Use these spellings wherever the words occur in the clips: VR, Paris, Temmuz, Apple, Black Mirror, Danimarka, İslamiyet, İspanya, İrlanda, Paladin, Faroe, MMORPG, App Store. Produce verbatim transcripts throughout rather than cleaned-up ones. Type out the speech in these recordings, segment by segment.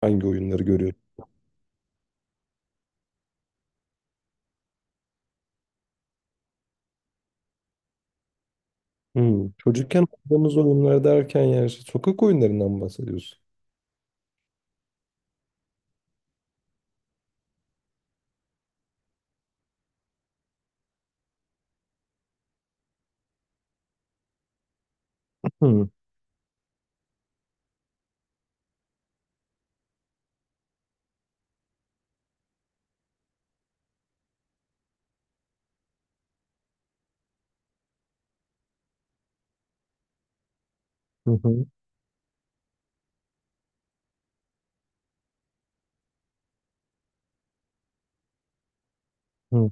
Hangi oyunları görüyorsun? Hmm. Çocukken oynadığımız oyunlar derken yani işte sokak oyunlarından mı bahsediyorsun? Hı hı hı. Hı.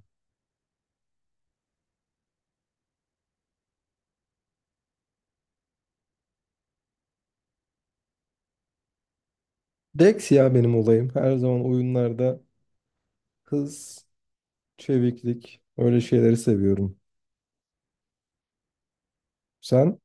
Dex ya benim olayım. Her zaman oyunlarda hız, çeviklik, öyle şeyleri seviyorum. Sen?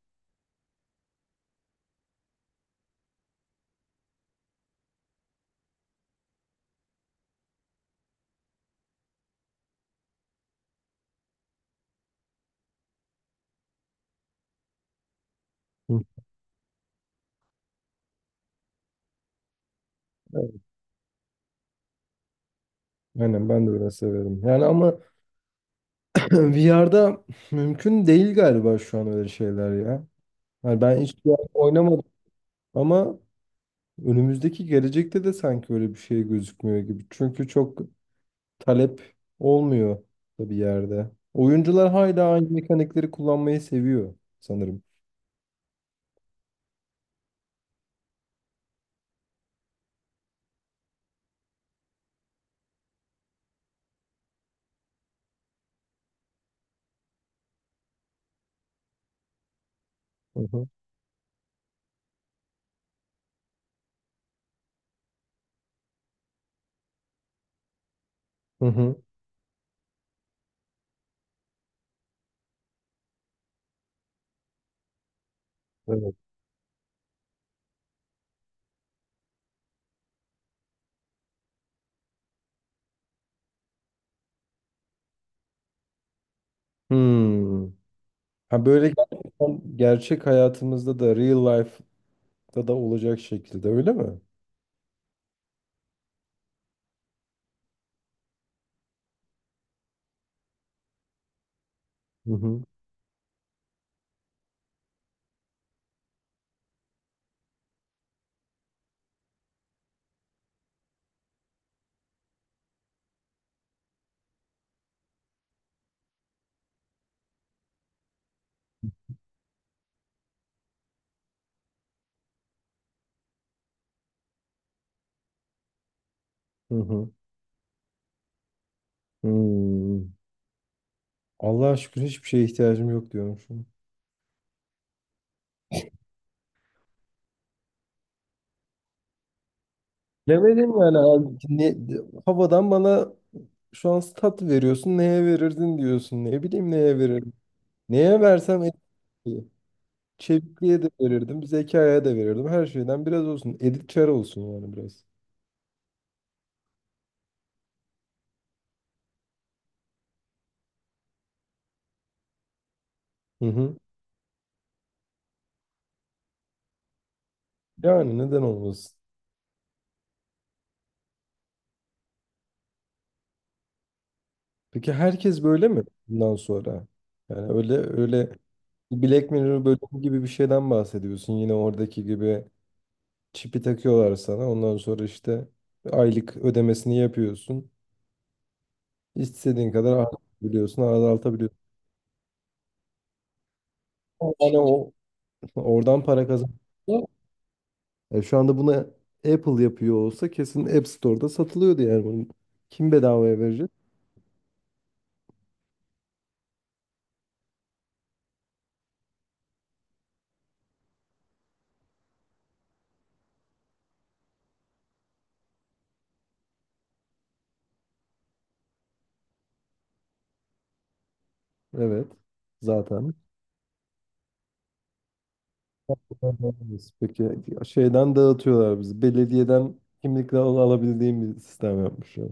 Hı. Evet. Aynen ben de öyle severim. Yani ama V R'de mümkün değil galiba şu an öyle şeyler ya. Yani ben hiç V R oynamadım, ama önümüzdeki gelecekte de sanki öyle bir şey gözükmüyor gibi. Çünkü çok talep olmuyor da bir yerde. Oyuncular hala aynı mekanikleri kullanmayı seviyor sanırım. Hı hı. Hı hı. Evet. Hmm. Ha, böyle gerçekten gerçek hayatımızda da real life'da da olacak şekilde öyle mi? Hı hı. Hı hı. Hmm. Allah'a şükür hiçbir şeye ihtiyacım yok diyormuşum. Demedim yani abi. Ne, havadan bana şu an tat veriyorsun. Neye verirdin diyorsun. Ne bileyim neye veririm. Neye versem et- çevikliğe de verirdim, zekaya da verirdim. Her şeyden biraz olsun. Edip Çar olsun yani biraz. Hı hı. Yani neden olmasın? Peki herkes böyle mi bundan sonra? Yani öyle öyle Black Mirror bölümü gibi bir şeyden bahsediyorsun. Yine oradaki gibi çipi takıyorlar sana. Ondan sonra işte aylık ödemesini yapıyorsun. İstediğin kadar arttırabiliyorsun, azaltabiliyorsun. Ama yani o oradan para kazan. Yani şu anda buna Apple yapıyor olsa kesin App Store'da satılıyordu yani bunun. Kim bedavaya verecek? Evet. Zaten. Peki şeyden dağıtıyorlar bizi. Belediyeden kimlikle al- alabildiğim bir sistem yapmışlar.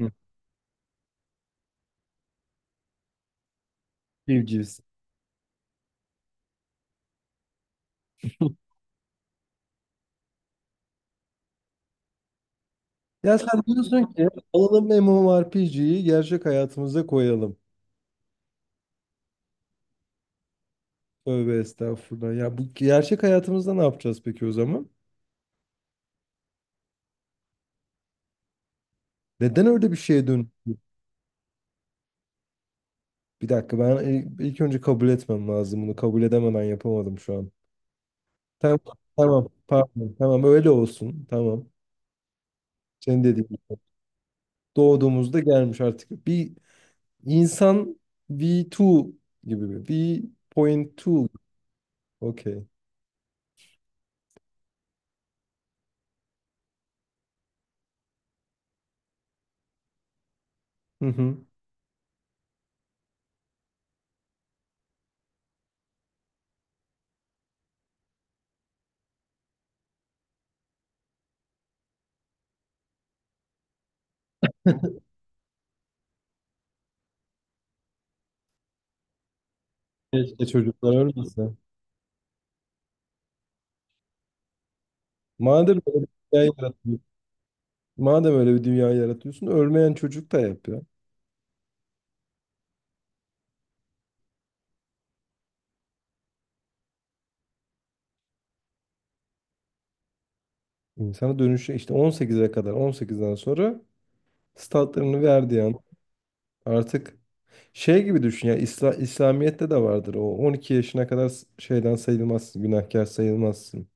Hı. Civcivs. Ya sen diyorsun ki alalım M M O R P G'yi gerçek hayatımıza koyalım. Tövbe estağfurullah. Ya bu gerçek hayatımızda ne yapacağız peki o zaman? Neden öyle bir şeye dön? Bir dakika, ben ilk ilk önce kabul etmem lazım bunu. Kabul edemeden yapamadım şu an. Tamam, tamam, pardon, tamam öyle olsun. Tamam. Senin dediğin gibi. Doğduğumuzda gelmiş artık. Bir insan V iki gibi mi? V.iki. Okey. Hı hı. Keşke çocuklar ölmese. Madem öyle bir dünya yaratıyorsun, madem öyle bir dünya yaratıyorsun, ölmeyen çocuk da yapıyor. İnsana dönüşü işte on sekize kadar, on sekizden sonra statlarını verdiği an artık şey gibi düşün ya. İsla- İslamiyet'te de vardır, o on iki yaşına kadar s- şeyden sayılmazsın, günahkar sayılmazsın.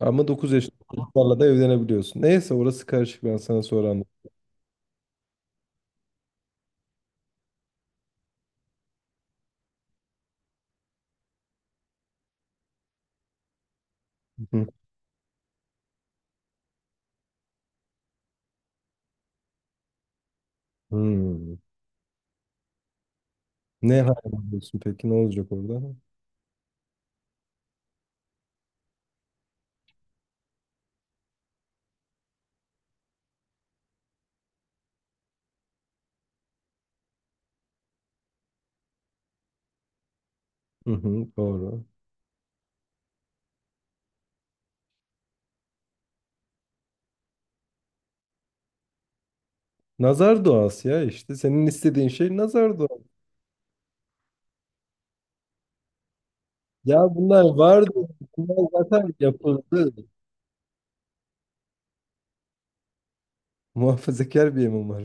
Ama dokuz yaşında çocuklarla da evlenebiliyorsun. Neyse orası karışık, ben sana sonra anlatayım. Hı. Hmm. Ne hayal ediyorsun peki, ne olacak orada? Hı hı, doğru. Nazar duası ya, işte senin istediğin şey nazar duası. Ya bunlar vardı. Bunlar zaten yapıldı. Muhafazakar bir imam var.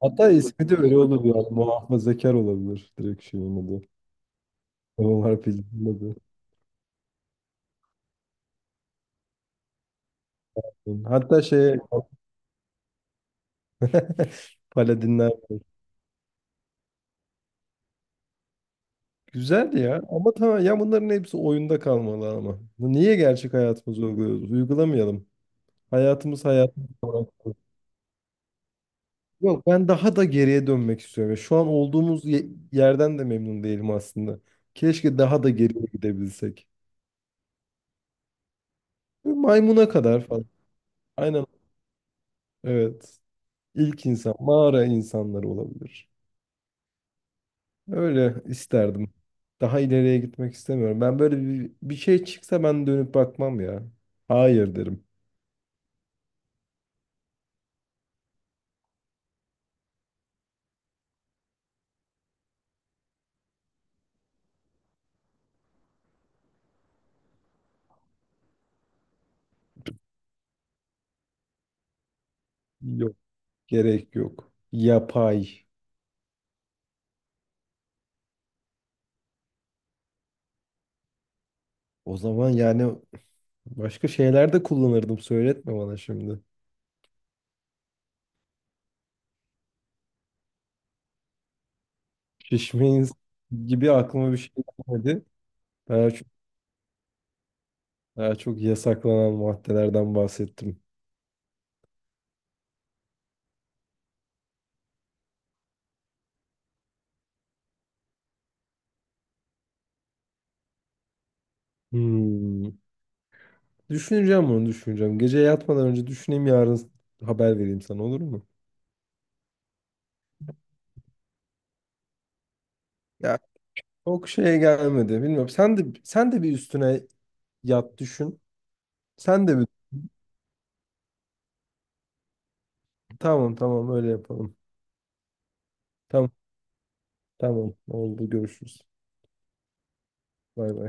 Hatta ismi de öyle olur yani. Muhafazakar olabilir direkt şeyin adı. Var pilli. Hatta şey paladinler güzeldi ya, ama tamam ya, bunların hepsi oyunda kalmalı ama. Niye gerçek hayatımızı uyguluyoruz? Uygulamayalım. Hayatımız hayatımız. olarak kalsın. Yok, ben daha da geriye dönmek istiyorum. Ya şu an olduğumuz ye- yerden de memnun değilim aslında. Keşke daha da geriye gidebilsek. Böyle maymuna kadar falan. Aynen evet. İlk insan, mağara insanları olabilir. Öyle isterdim. Daha ileriye gitmek istemiyorum. Ben böyle bir, bir şey çıksa ben dönüp bakmam ya. Hayır derim. Yok. Gerek yok. Yapay. O zaman yani başka şeyler de kullanırdım. Söyletme bana şimdi. Şişme insan gibi aklıma bir şey gelmedi. Daha çok, daha çok yasaklanan maddelerden bahsettim. Hmm. Düşüneceğim, bunu düşüneceğim. Gece yatmadan önce düşüneyim, yarın haber vereyim sana, olur mu? Ya çok şeye gelmedi. Bilmiyorum. Sen de sen de bir üstüne yat düşün. Sen de bir, tamam tamam öyle yapalım. Tamam tamam oldu, görüşürüz. Bay bay.